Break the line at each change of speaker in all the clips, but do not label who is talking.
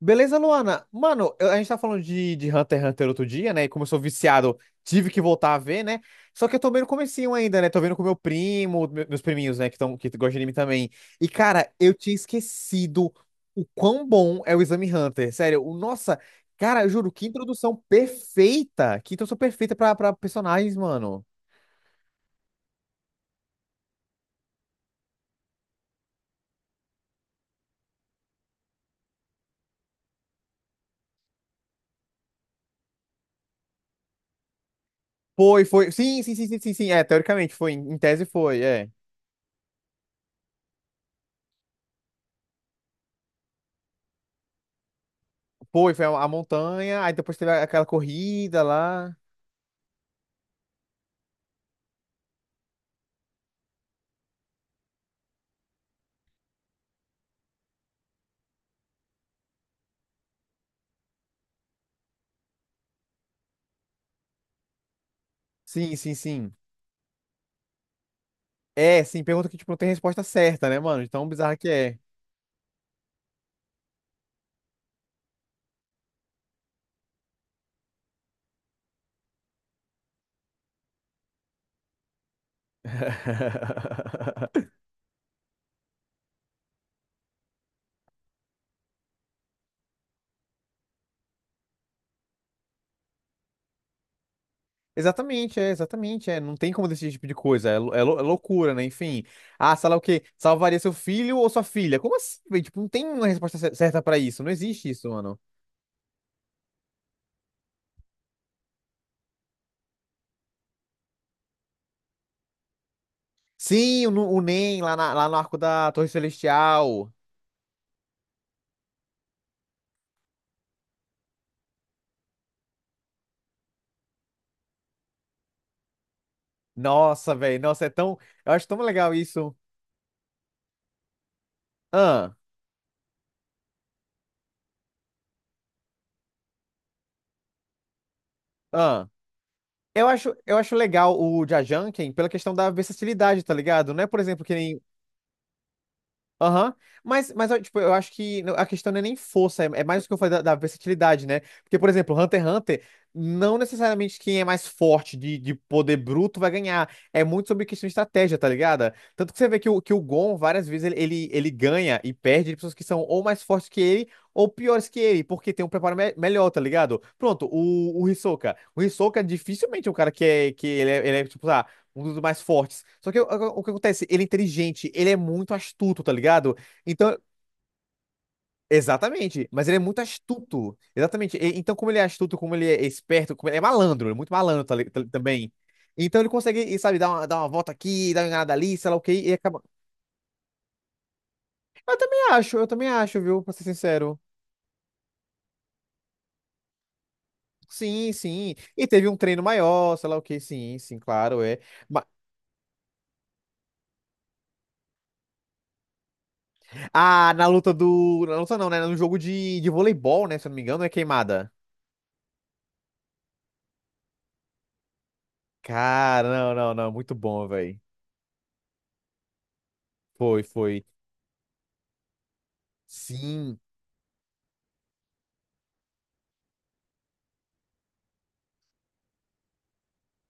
Beleza, Luana? Mano, eu- a gente tá falando de Hunter x Hunter outro dia, né? E como eu sou viciado, tive que voltar a ver, né? Só que eu tô bem no comecinho ainda, né? Tô vendo com meu primo, meus priminhos, né? Que, tão, que gostam de anime também. E, cara, eu tinha esquecido o quão bom é o Exame Hunter. Sério, o, nossa, cara, eu juro, que introdução perfeita! Que introdução perfeita pra personagens, mano. Foi, foi. Sim, sim, sim, sim, sim, sim. É, teoricamente foi. Em tese foi, é. Foi, foi a montanha, aí depois teve aquela corrida lá. Sim, sim, sim. É, sim, pergunta que, tipo, não tem resposta certa, né, mano? De tão bizarra que é. Exatamente, é, exatamente, é. Não tem como decidir esse tipo de coisa. É, é loucura, né? Enfim. Ah, sei lá o quê? Salvaria seu filho ou sua filha? Como assim, velho? Tipo, não tem uma resposta certa pra isso. Não existe isso, mano. Sim, o, o NEM lá, lá no arco da Torre Celestial. Nossa, velho. Nossa, é tão. Eu acho tão legal isso. Ah, ah. Eu acho legal o Jajangquemin pela questão da versatilidade, tá ligado? Não é, por exemplo, que nem aham. Mas, ó, tipo, eu acho que a questão não é nem força, é, é mais o que eu falei da versatilidade, né? Porque, por exemplo, Hunter x Hunter, não necessariamente quem é mais forte de poder bruto vai ganhar. É muito sobre questão de estratégia, tá ligado? Tanto que você vê que o Gon, várias vezes, ele ganha e perde de pessoas que são ou mais fortes que ele ou piores que ele, porque tem um preparo melhor, tá ligado? Pronto, o Hisoka. O Hisoka dificilmente é um cara que é, que ele é, tipo, um dos mais fortes. Só que o, o que acontece? Ele é inteligente, ele é muito astuto, tá ligado? Então, exatamente, mas ele é muito astuto. Exatamente. E- então, como ele é astuto, como ele é esperto, como ele é malandro, ele é muito malandro também. Então ele consegue, e, sabe, dar uma volta aqui, dar uma enganada ali, sei lá o quê, e acaba. Eu também acho, viu, pra ser sincero. Sim, sim. E teve um treino maior, sei lá o quê, sim, sim, claro, é. Ma- Ah, na luta do. Na luta não, né? No jogo de voleibol, né? Se eu não me engano, é queimada. Cara, não, não, não, muito bom, velho. Foi, foi. Sim.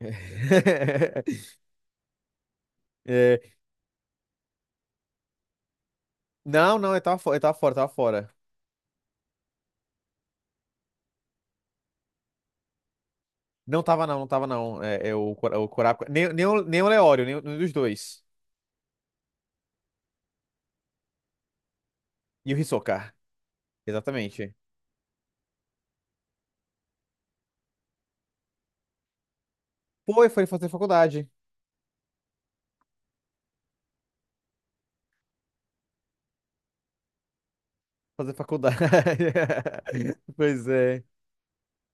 É, não, não, eu tava, eu tava fora, eu tava fora. Não tava não, não tava não. É, é o, o Corapco, nem, nem o, nem o Leório, nem, nenhum dos dois. E o Hisoka, exatamente. Foi, foi fazer faculdade. Fazer faculdade. Pois é.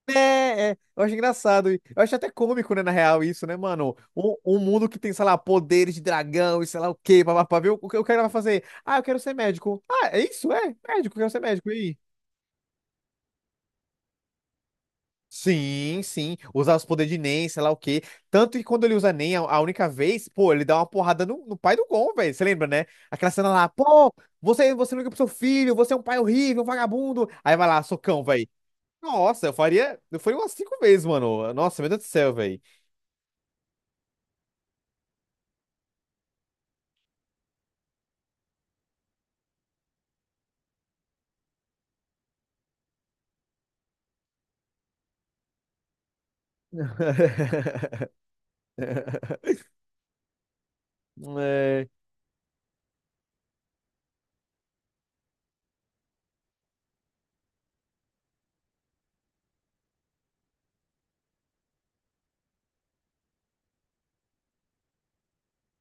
É, é, eu acho engraçado. E eu acho até cômico, né, na real, isso, né, mano? Um mundo que tem, sei lá, poderes de dragão e sei lá o quê, papapá, viu? O que o cara vai fazer? Ah, eu quero ser médico. Ah, é isso? É, médico, eu quero ser médico. E aí? Sim, sim. Usar os poderes de Nen, sei lá o quê. Tanto que quando ele usa Nen a única vez, pô, ele dá uma porrada no, no pai do Gon, velho. Você lembra, né? Aquela cena lá, pô, você, você não liga pro seu filho, você é um pai horrível, um vagabundo. Aí vai lá, socão, velho. Nossa, eu faria umas cinco vezes, mano. Nossa, meu Deus do céu, velho. É,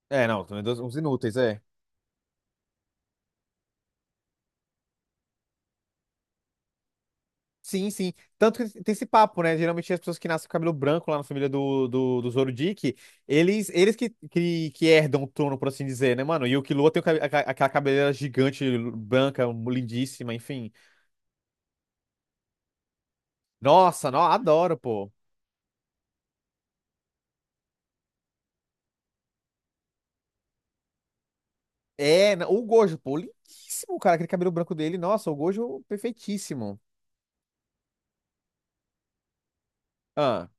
é, não, também uns inúteis, é. Sim, sim. Tanto que tem esse papo, né? Geralmente as pessoas que nascem com cabelo branco lá na família do Zorodick, eles que herdam o trono, por assim dizer, né, mano? E o Killua tem o aquela cabeleira gigante, branca, lindíssima, enfim. Nossa, não, adoro, pô. É, o Gojo, pô, lindíssimo, cara, aquele cabelo branco dele. Nossa, o Gojo, perfeitíssimo. Ah,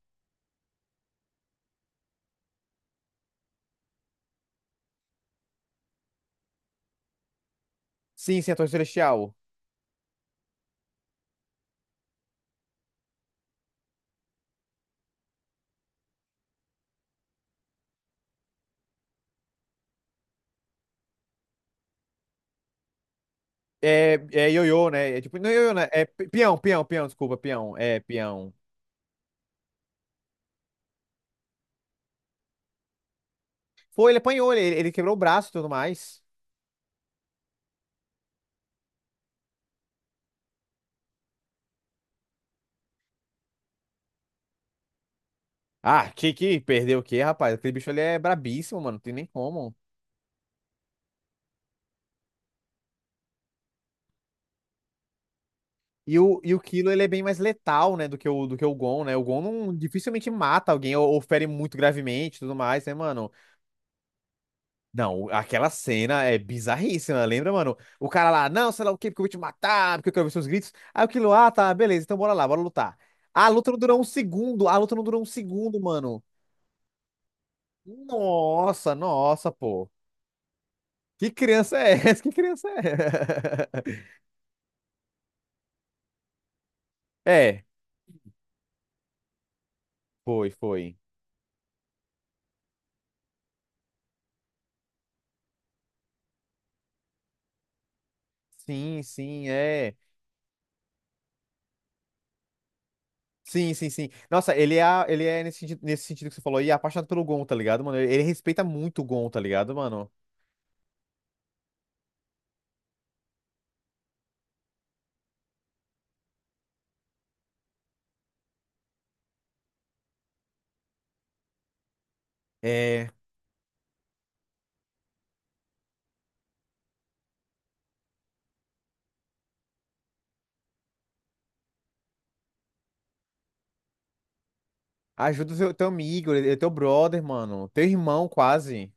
sim, sim, a Torre Celestial. É, é ioiô, né? É tipo, não é ioiô, né? É peão, desculpa, peão. É, peão. Foi, ele apanhou, ele quebrou o braço e tudo mais. Ah, que perdeu o quê, rapaz? Aquele bicho ele é brabíssimo, mano, não tem nem como. E o Kilo, ele é bem mais letal, né, do que o Gon, né? O Gon não, dificilmente mata alguém ou fere muito gravemente e tudo mais, né, mano? Não, aquela cena é bizarríssima, lembra, mano? O cara lá, não, sei lá o quê, porque eu vou te matar, porque eu quero ver seus gritos. Aí aquilo, ah, tá, beleza, então bora lá, bora lutar. A luta não durou um segundo, a luta não durou um segundo, mano. Nossa, nossa, pô. Que criança é essa? Que criança é? É, foi, foi. Sim, sim, é. Sim, sim, sim. Nossa, ele é nesse sentido que você falou aí, apaixonado pelo Gon, tá ligado, mano? Ele respeita muito o Gon, tá ligado, mano? É. Ajuda o teu amigo, ele é teu brother, mano. Teu irmão, quase.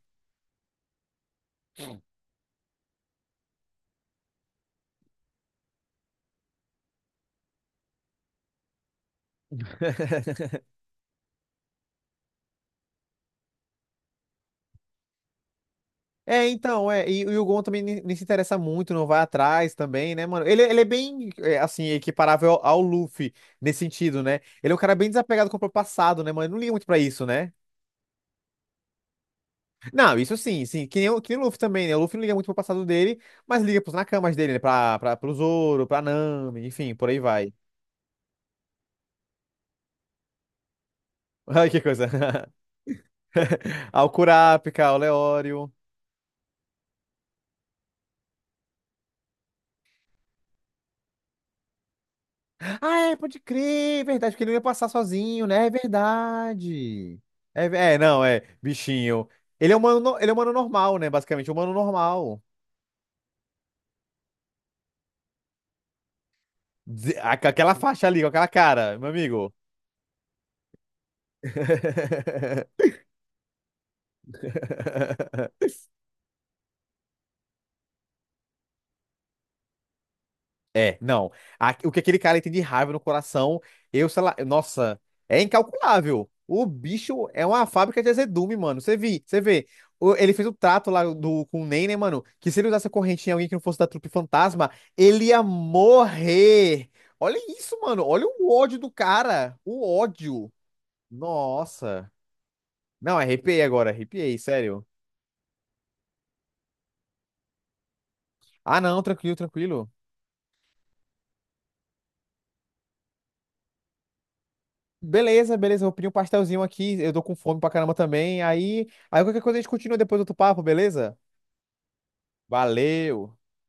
É, então, é. E o Gon também nem se interessa muito, não vai atrás também, né, mano? Ele é bem, é, assim, equiparável ao Luffy nesse sentido, né? Ele é um cara bem desapegado com o próprio passado, né, mano? Ele não liga muito pra isso, né? Não, isso sim, sim. Que nem, que nem o Luffy também, né? O Luffy não liga muito pro passado dele, mas liga pros nakamas dele, né? Pro Zoro, pra Nami, enfim, por aí vai. Ai, que coisa. Ao Kurapika, ao Leório. Ah, é, pode crer, é verdade, porque ele não ia passar sozinho, né? É verdade. É, é, não, é, bichinho. Ele é um humano, ele é um humano normal, né? Basicamente, um humano normal. Aquela faixa ali, com aquela cara, meu amigo. É, não. O que aquele cara tem de raiva no coração, eu, sei lá, nossa, é incalculável. O bicho é uma fábrica de azedume, mano. Você vi, você vê. Ele fez o trato lá do, com o Ney, né, mano? Que se ele usasse a corrente em alguém que não fosse da trupe fantasma, ele ia morrer. Olha isso, mano. Olha o ódio do cara. O ódio. Nossa. Não, arrepiei agora, arrepiei, sério. Ah, não, tranquilo, tranquilo. Beleza, beleza, vou pedir um pastelzinho aqui, eu tô com fome pra caramba também. Aí, aí qualquer coisa a gente continua depois do outro papo, beleza? Valeu!